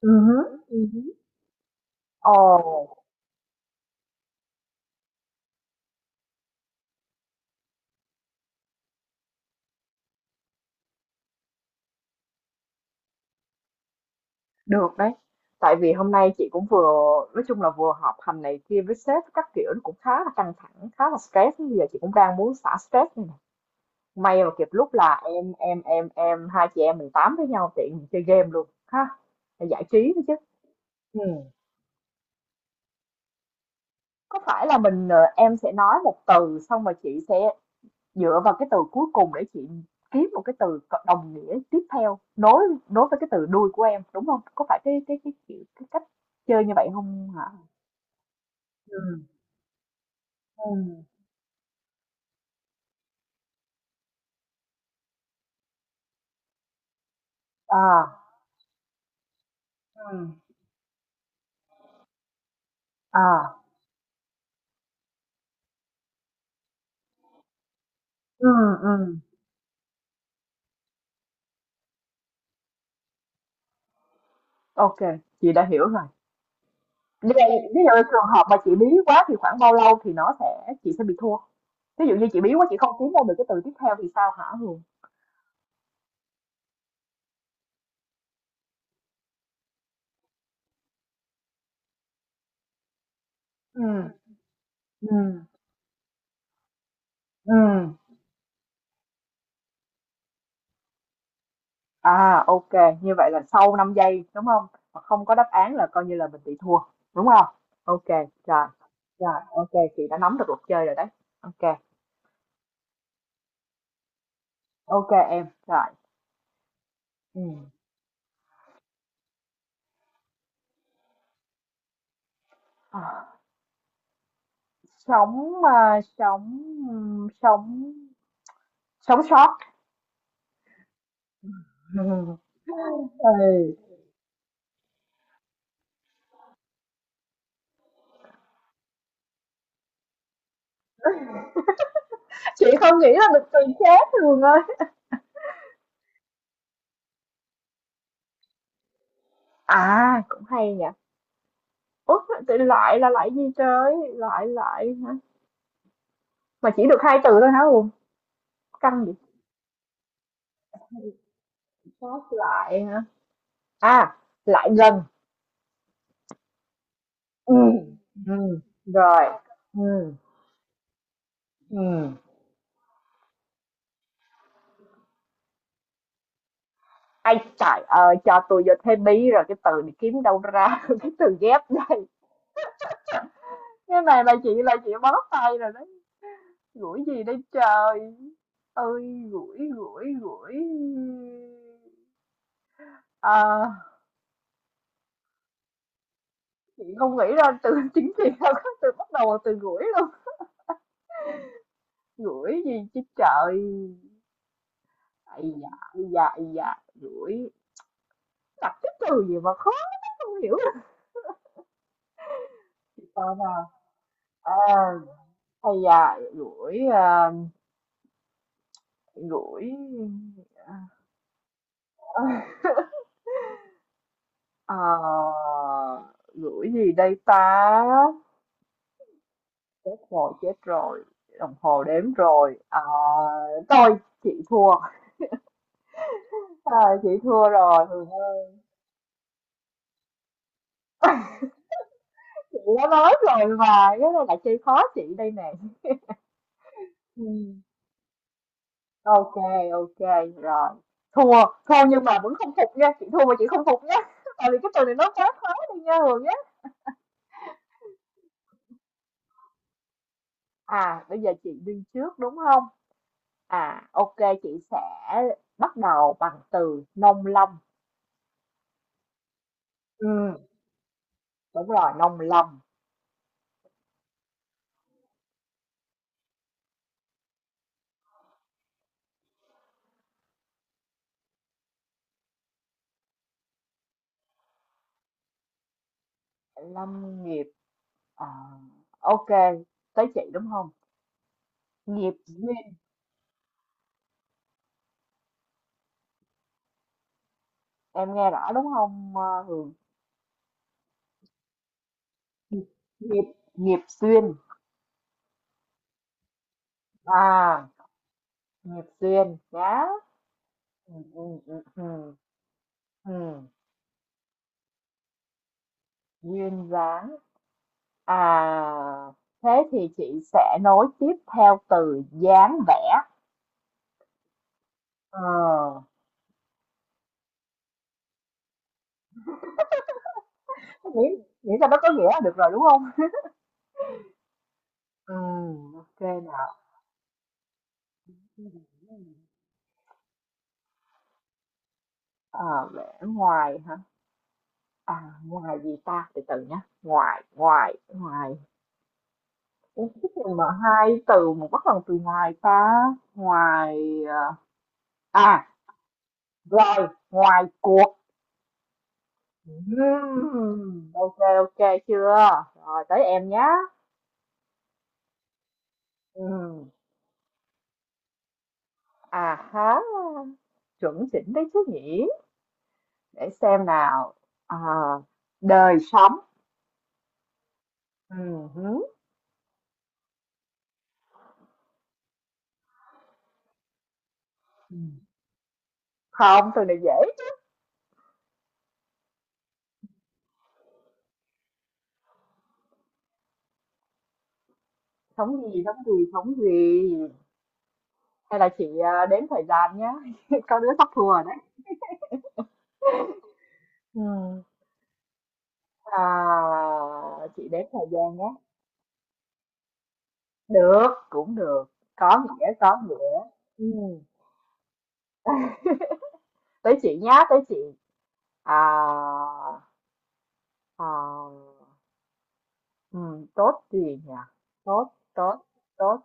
Ừ, hứm. Hứm. Ồ, được đấy. Tại vì hôm nay chị cũng vừa nói chung là vừa họp hành này kia với sếp các kiểu nó cũng khá là căng thẳng, khá là stress, bây giờ chị cũng đang muốn xả stress này nè. May mà kịp lúc là em hai chị em mình tám với nhau tiện mình chơi game luôn ha, để giải trí nữa chứ. Ừ. Có phải là mình, em sẽ nói một từ xong rồi chị sẽ dựa vào cái từ cuối cùng để chị kiếm một cái từ đồng nghĩa tiếp theo, nối nối với cái từ đuôi của em, đúng không? Có phải cái, kiểu, cái cách chơi như vậy không hả? Ừm, ừm. À. Ừm. À. Ừm. Ô, chị đã hiểu rồi. Như vậy ví dụ trường hợp mà chị bí quá thì khoảng bao lâu thì nó sẽ chị sẽ bị thua? Ví dụ như chị bí quá chị không kiếm ra được cái từ tiếp theo thì sao hả Hường? Ừm, ừm, ừm. À, ok, như vậy là sau 5 giây đúng không? Mà không có đáp án là coi như là mình bị thua, đúng không? Ok, rồi, rồi, ok, chị đã nắm được luật chơi rồi đấy. Ok, ok em, rồi. Ừ. À, à, sống ừm, sống sống sót. Ừ. Chị không nghĩ là được từ khác thường ơi. À, cũng hay nhỉ. Ủa, tự loại là lại gì trời? Loại lại hả? Mà chỉ được hai từ thôi hả Hùng? Căng vậy. Sót lại hả? À, lại gần. Ừ, ừm, rồi, ừ, ừm. Ây trời ơi, cho tôi vô thế bí rồi cái từ này kiếm đâu ra cái từ ghép đây. Cái này là chị bó tay rồi đấy. Gũi gì đây trời. Ơi, gũi, gũi, gũi. Ờ, chị không nghĩ ra từ chính trị đâu có từ bắt đầu bằng từ gũi luôn. Gũi gì chứ trời. Ây da, ây da, ây da, gũi. Đặt cái từ gì mà khó không hiểu. Coi nào. À, à hay da, gửi, a, gửi ờ, gửi gì đây ta? Chết rồi, đồng hồ đếm rồi. Ờ, thôi chị thua. Ờ, chị thua rồi, Hường ơi. Chị đã nói rồi mà, cái này là chơi khó chị đây nè. Ừ. Ok, ok, rồi. Thua, thua nhưng mà vẫn không phục nha, chị thua mà chị không phục nha. Tại vì cái từ này nó quá khó đi nha Hường nhé. À, bây giờ chị đi trước đúng không? À, ok, chị sẽ bắt đầu bằng từ nông lâm. Ừ, đúng rồi, nông lâm, lâm nghiệp. À, ok, tới chị đúng không? Nghiệp duyên, em nghe rõ đúng không Hường? Nghiệp, nghiệp, nghiệp duyên. À, nghiệp duyên, nhá. Ừ, ừ, ừ, ừ, ừ. Duyên dáng. À, thế thì chị sẽ nối tiếp theo từ dáng vẻ. Ờ, miễn miễn sao nó có nghĩa là được rồi đúng không? Ừ, ok nào. À, vẽ ngoài hả? À, ngoài gì ta? Từ từ nhé. Ngoài, ngoài, ngoài. Ủa, cái gì mà hai từ mà bắt bằng từ ngoài ta? Ngoài... ờ, à, rồi, ngoài cuộc. Ok, ok chưa? Rồi, tới em nhé. Ừm, À há, chuẩn chỉnh đấy chứ nhỉ? Để xem nào. À, đời sống. Hứ. Ừ. Không, từ này dễ. Thống gì, thống gì, thống gì? Hay là chị à, đếm thời gian nhé. Có đứa sắp thua rồi đấy. Ừ. À, chị đếm thời gian nhé. Được, cũng được. Có nghĩa, có nghĩa. Ừ. Tới chị nhá, tới chị. À, à, ừ, tốt gì nhỉ? Tốt, tốt, tốt.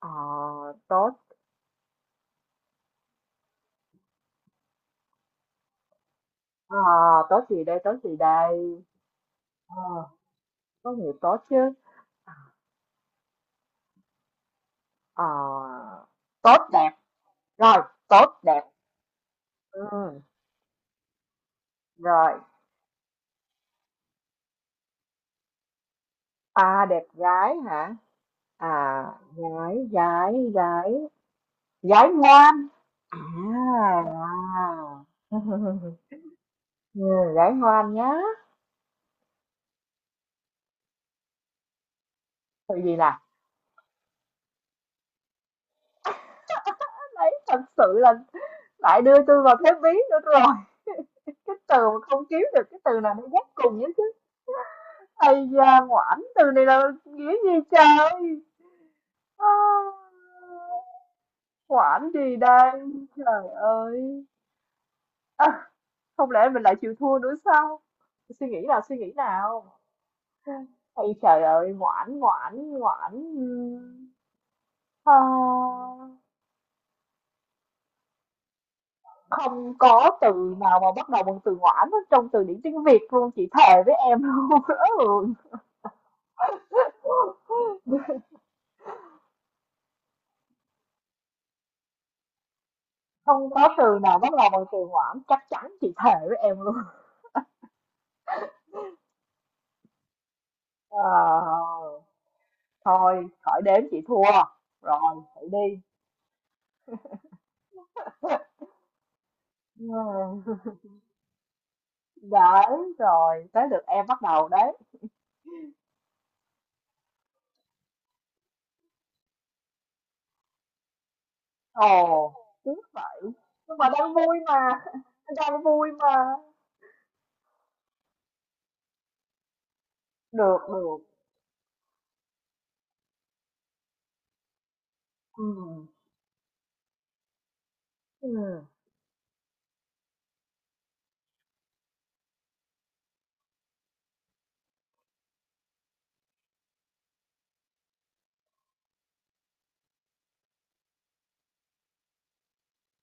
À, tốt. À, tốt gì đây, tốt gì đây? À, có nhiều tốt chứ. À, tốt đẹp. Rồi, tốt đẹp. Ừ, rồi, à, đẹp gái hả? À, gái, gái, gái, gái ngoan. À, à. Ừ, gái ngoan nhá. Tại vì là đấy thật sự là lại đưa tôi vào thế bí nữa rồi. Cái từ mà không kiếm được cái từ nào nó ghép cùng với chứ. Ây da, ngoãn từ này là nghĩa gì trời? À, ngoãn gì đây? Trời ơi. Ơ, không lẽ mình lại chịu thua nữa sao? Suy nghĩ nào, suy nghĩ nào. Ây trời ơi, ngoãn, ngoãn, ngoãn. Ờ, không có từ nào mà bắt đầu bằng từ ngoãn hết trong từ điển tiếng Việt luôn, chị thề với em luôn. Ừ. Không có từ nào bắt đầu bằng từ ngoãn, chắc chắn chị thề với em luôn. Ờ, thôi, khỏi đếm chị thua. Rồi, hãy đi. Ừ. Đấy, rồi, tới lượt em bắt đầu đấy. Ồ, đúng vậy, nhưng mà đang vui mà, đang vui mà. Được, được, ừ, ừ.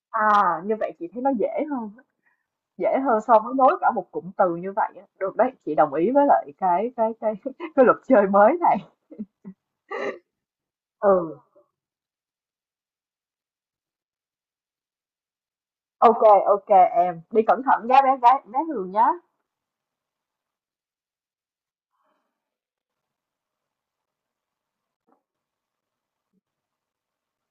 À, như vậy chị thấy nó dễ hơn, dễ hơn so với nối cả một cụm từ như vậy á. Được đấy, chị đồng ý với lại cái cái luật chơi mới này. Ừ, ok ok em, đi cẩn thận nhé bé gái bé Hường nhé.